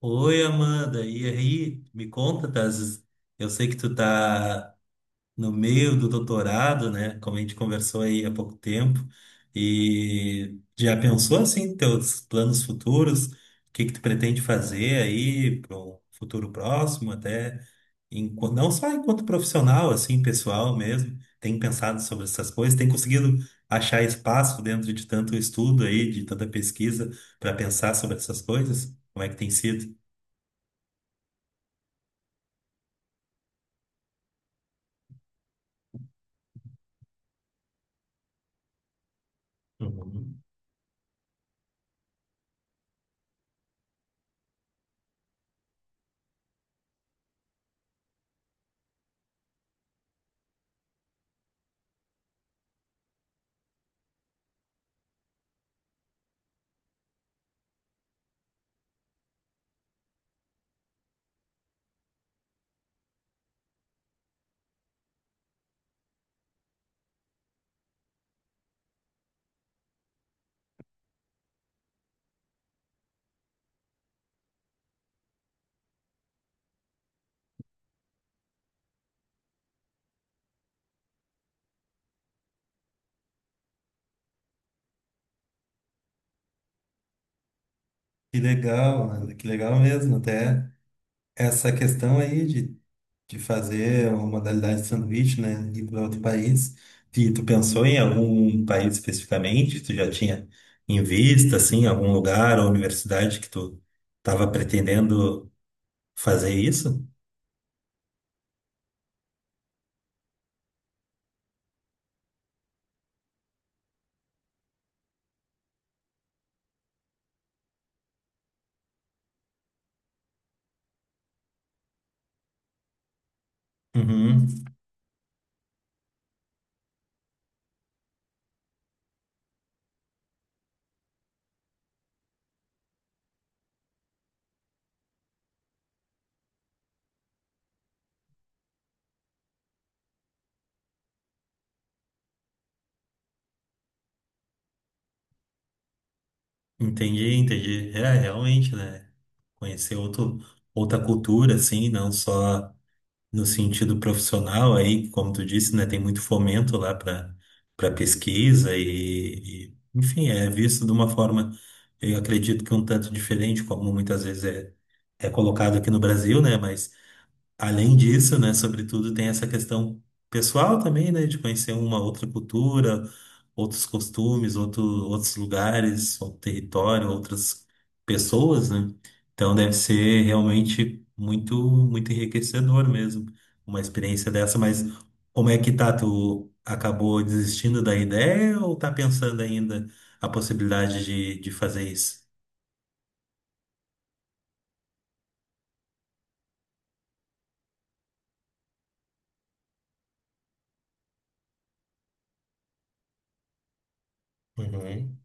Oi, Amanda, e aí? Me conta, tá? Eu sei que tu tá no meio do doutorado, né? Como a gente conversou aí há pouco tempo. E já pensou assim, teus planos futuros? O que que tu pretende fazer aí para um futuro próximo, até não só enquanto profissional, assim, pessoal mesmo. Tem pensado sobre essas coisas? Tem conseguido achar espaço dentro de tanto estudo aí, de tanta pesquisa, para pensar sobre essas coisas? Como é que tem sido? Uhum. Que legal, Ana, que legal mesmo. Até essa questão aí de fazer uma modalidade de sanduíche, né? Ir para outro país. E tu pensou em algum país especificamente? Tu já tinha em vista, assim, algum lugar ou universidade que tu estava pretendendo fazer isso? Uhum. Entendi, entendi. É, realmente, né? Conhecer outro, outra cultura, assim, não só no sentido profissional aí, como tu disse, né, tem muito fomento lá para pesquisa e enfim, é visto de uma forma, eu acredito que um tanto diferente, como muitas vezes é, é colocado aqui no Brasil, né, mas além disso, né, sobretudo tem essa questão pessoal também, né, de conhecer uma outra cultura, outros costumes, outro, outros lugares, outro território, outras pessoas, né? Então deve ser realmente muito, muito enriquecedor mesmo, uma experiência dessa. Mas como é que tá? Tu acabou desistindo da ideia ou tá pensando ainda a possibilidade de fazer isso? Uhum.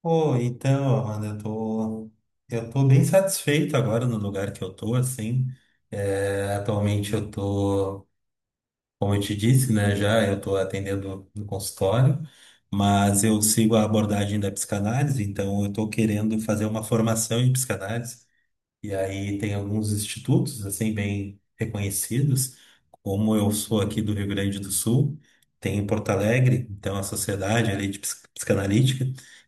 Pô, então, Amanda, eu tô bem satisfeito agora no lugar que eu tô, assim. É, atualmente eu tô, como eu te disse, né, já eu tô atendendo no consultório, mas eu sigo a abordagem da psicanálise, então eu tô querendo fazer uma formação em psicanálise. E aí tem alguns institutos, assim, bem reconhecidos, como eu sou aqui do Rio Grande do Sul, tem em Porto Alegre, então a Sociedade ali de Psicanalítica,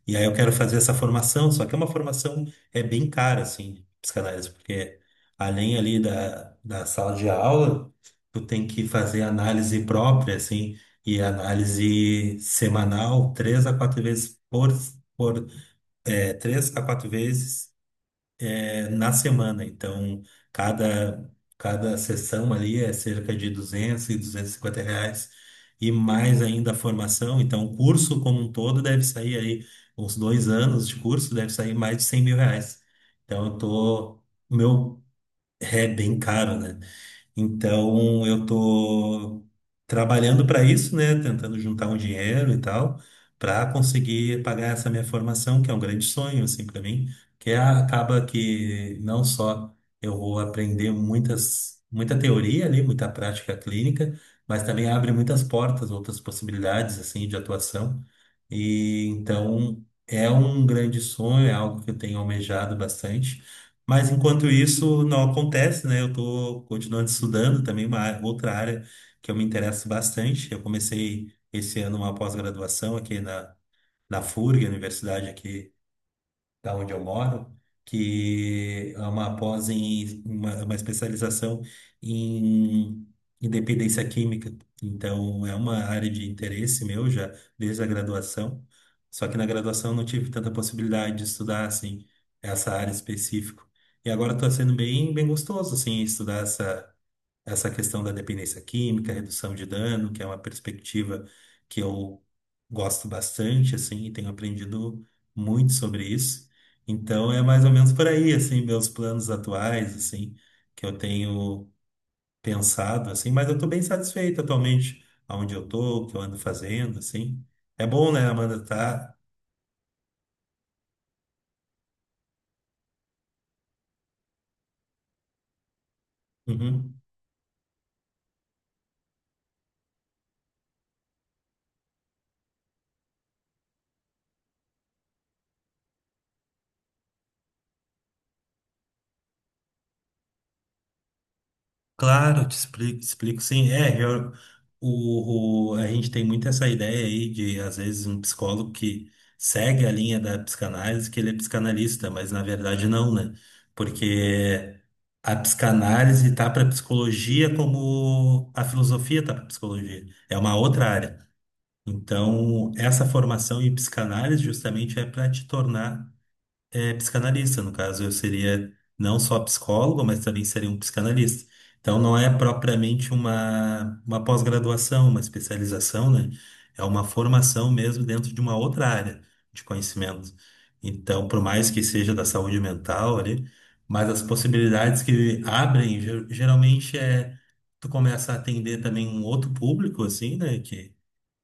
e aí eu quero fazer essa formação, só que é uma formação é bem cara, assim, de psicanálise, porque além ali da, da sala de aula, tu tem que fazer análise própria, assim, e análise semanal, por três a quatro vezes é, na semana. Então, cada, cada sessão ali é cerca de R$ 200 a R$ 250. E mais ainda a formação. Então, o curso como um todo deve sair aí, uns 2 anos de curso, deve sair mais de R$ 100.000. Então, eu tô. O meu é bem caro, né? Então, eu tô trabalhando para isso, né? Tentando juntar um dinheiro e tal, para conseguir pagar essa minha formação, que é um grande sonho, assim, para mim, que é, acaba que não só eu vou aprender muita teoria ali, muita prática clínica, mas também abre muitas portas, outras possibilidades, assim, de atuação. E então, é um grande sonho, é algo que eu tenho almejado bastante. Mas enquanto isso não acontece, né? Eu tô continuando estudando também uma outra área que eu me interesso bastante. Eu comecei esse ano uma pós-graduação aqui na FURG, a universidade aqui da onde eu moro, que é uma pós em uma especialização em independência química. Então, é uma área de interesse meu já desde a graduação. Só que na graduação eu não tive tanta possibilidade de estudar assim essa área específica. E agora está sendo bem gostoso assim estudar essa questão da dependência química, redução de dano, que é uma perspectiva que eu gosto bastante, assim, e tenho aprendido muito sobre isso. Então é mais ou menos por aí, assim, meus planos atuais, assim, que eu tenho pensado, assim, mas eu estou bem satisfeito atualmente aonde eu estou, o que eu ando fazendo, assim. É bom, né, Amanda, tá? Uhum. Claro, te explico sim. O, a gente tem muito essa ideia aí de, às vezes, um psicólogo que segue a linha da psicanálise, que ele é psicanalista, mas na verdade não, né? Porque a psicanálise tá para psicologia como a filosofia tá para psicologia. É uma outra área. Então, essa formação em psicanálise justamente é para te tornar psicanalista, no caso, eu seria não só psicólogo, mas também seria um psicanalista. Então, não é propriamente uma pós-graduação, uma especialização, né? É uma formação mesmo dentro de uma outra área de conhecimento. Então, por mais que seja da saúde mental ali, mas as possibilidades que abrem, geralmente é tu começa a atender também um outro público, assim, né? Que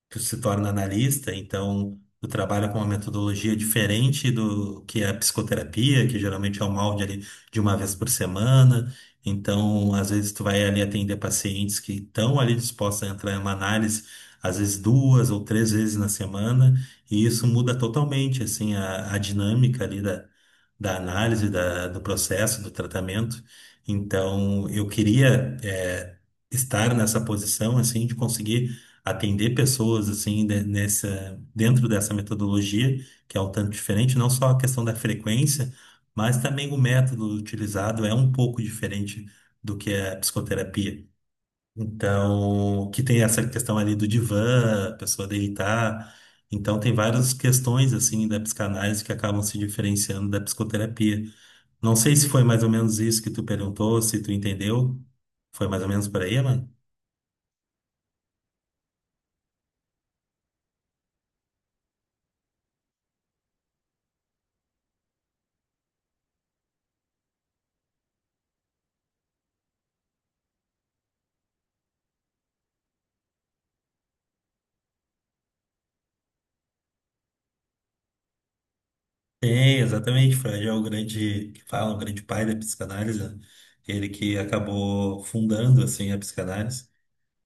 tu se torna analista, então tu trabalha com uma metodologia diferente do que é a psicoterapia, que geralmente é um molde ali de uma vez por semana. Então, às vezes tu vai ali atender pacientes que estão ali dispostos a entrar em uma análise, às vezes duas ou três vezes na semana, e isso muda totalmente assim a dinâmica ali da análise do processo, do tratamento. Então, eu queria estar nessa posição, assim, de conseguir atender pessoas, assim, nessa, dentro dessa metodologia, que é um tanto diferente, não só a questão da frequência, mas também o método utilizado é um pouco diferente do que é a psicoterapia. Então, que tem essa questão ali do divã, a pessoa deitar. Então, tem várias questões, assim, da psicanálise que acabam se diferenciando da psicoterapia. Não sei se foi mais ou menos isso que tu perguntou, se tu entendeu. Foi mais ou menos por aí, mano? Tem, exatamente. Freud é o grande, que fala, o grande pai da psicanálise, né? Ele que acabou fundando, assim, a psicanálise.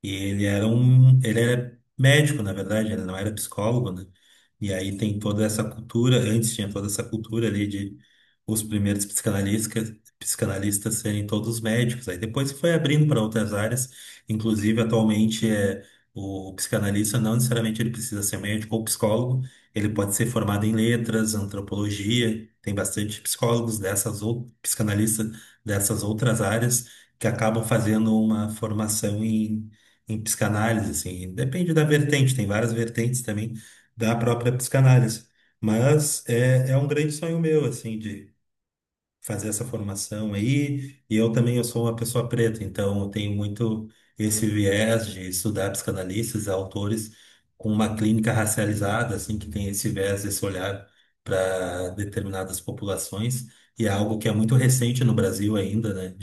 E ele era um, ele era médico, na verdade, ele não era psicólogo, né? E aí tem toda essa cultura, antes tinha toda essa cultura ali de os primeiros psicanalistas serem todos médicos. Aí depois foi abrindo para outras áreas, inclusive atualmente é o psicanalista não necessariamente ele precisa ser médico ou psicólogo, ele pode ser formado em letras, antropologia, tem bastante psicólogos dessas ou psicanalistas dessas outras áreas que acabam fazendo uma formação em psicanálise, assim, depende da vertente, tem várias vertentes também da própria psicanálise. É um grande sonho meu, assim, de fazer essa formação aí. E eu também eu sou uma pessoa preta, então eu tenho muito esse viés de estudar psicanalistas, autores com uma clínica racializada, assim, que tem esse viés, esse olhar para determinadas populações. E é algo que é muito recente no Brasil ainda, né?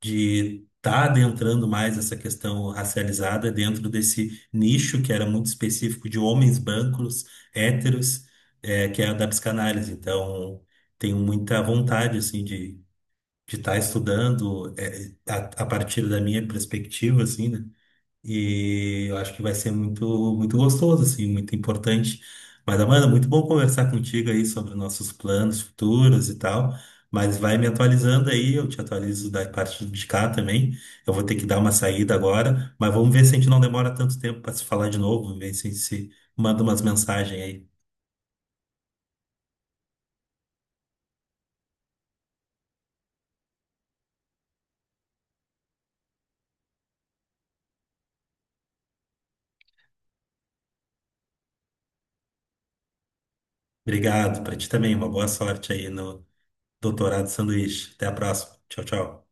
De estar adentrando mais essa questão racializada dentro desse nicho que era muito específico de homens brancos, héteros, que é a da psicanálise. Então, tenho muita vontade, assim, de estar estudando a partir da minha perspectiva, assim, né? E eu acho que vai ser muito, muito gostoso, assim, muito importante. Mas, Amanda, muito bom conversar contigo aí sobre nossos planos futuros e tal. Mas vai me atualizando aí, eu te atualizo da parte de cá também. Eu vou ter que dar uma saída agora, mas vamos ver se a gente não demora tanto tempo para se falar de novo, ver se a gente se manda umas mensagens aí. Obrigado, para ti também, uma boa sorte aí no doutorado sanduíche. Até a próxima. Tchau, tchau.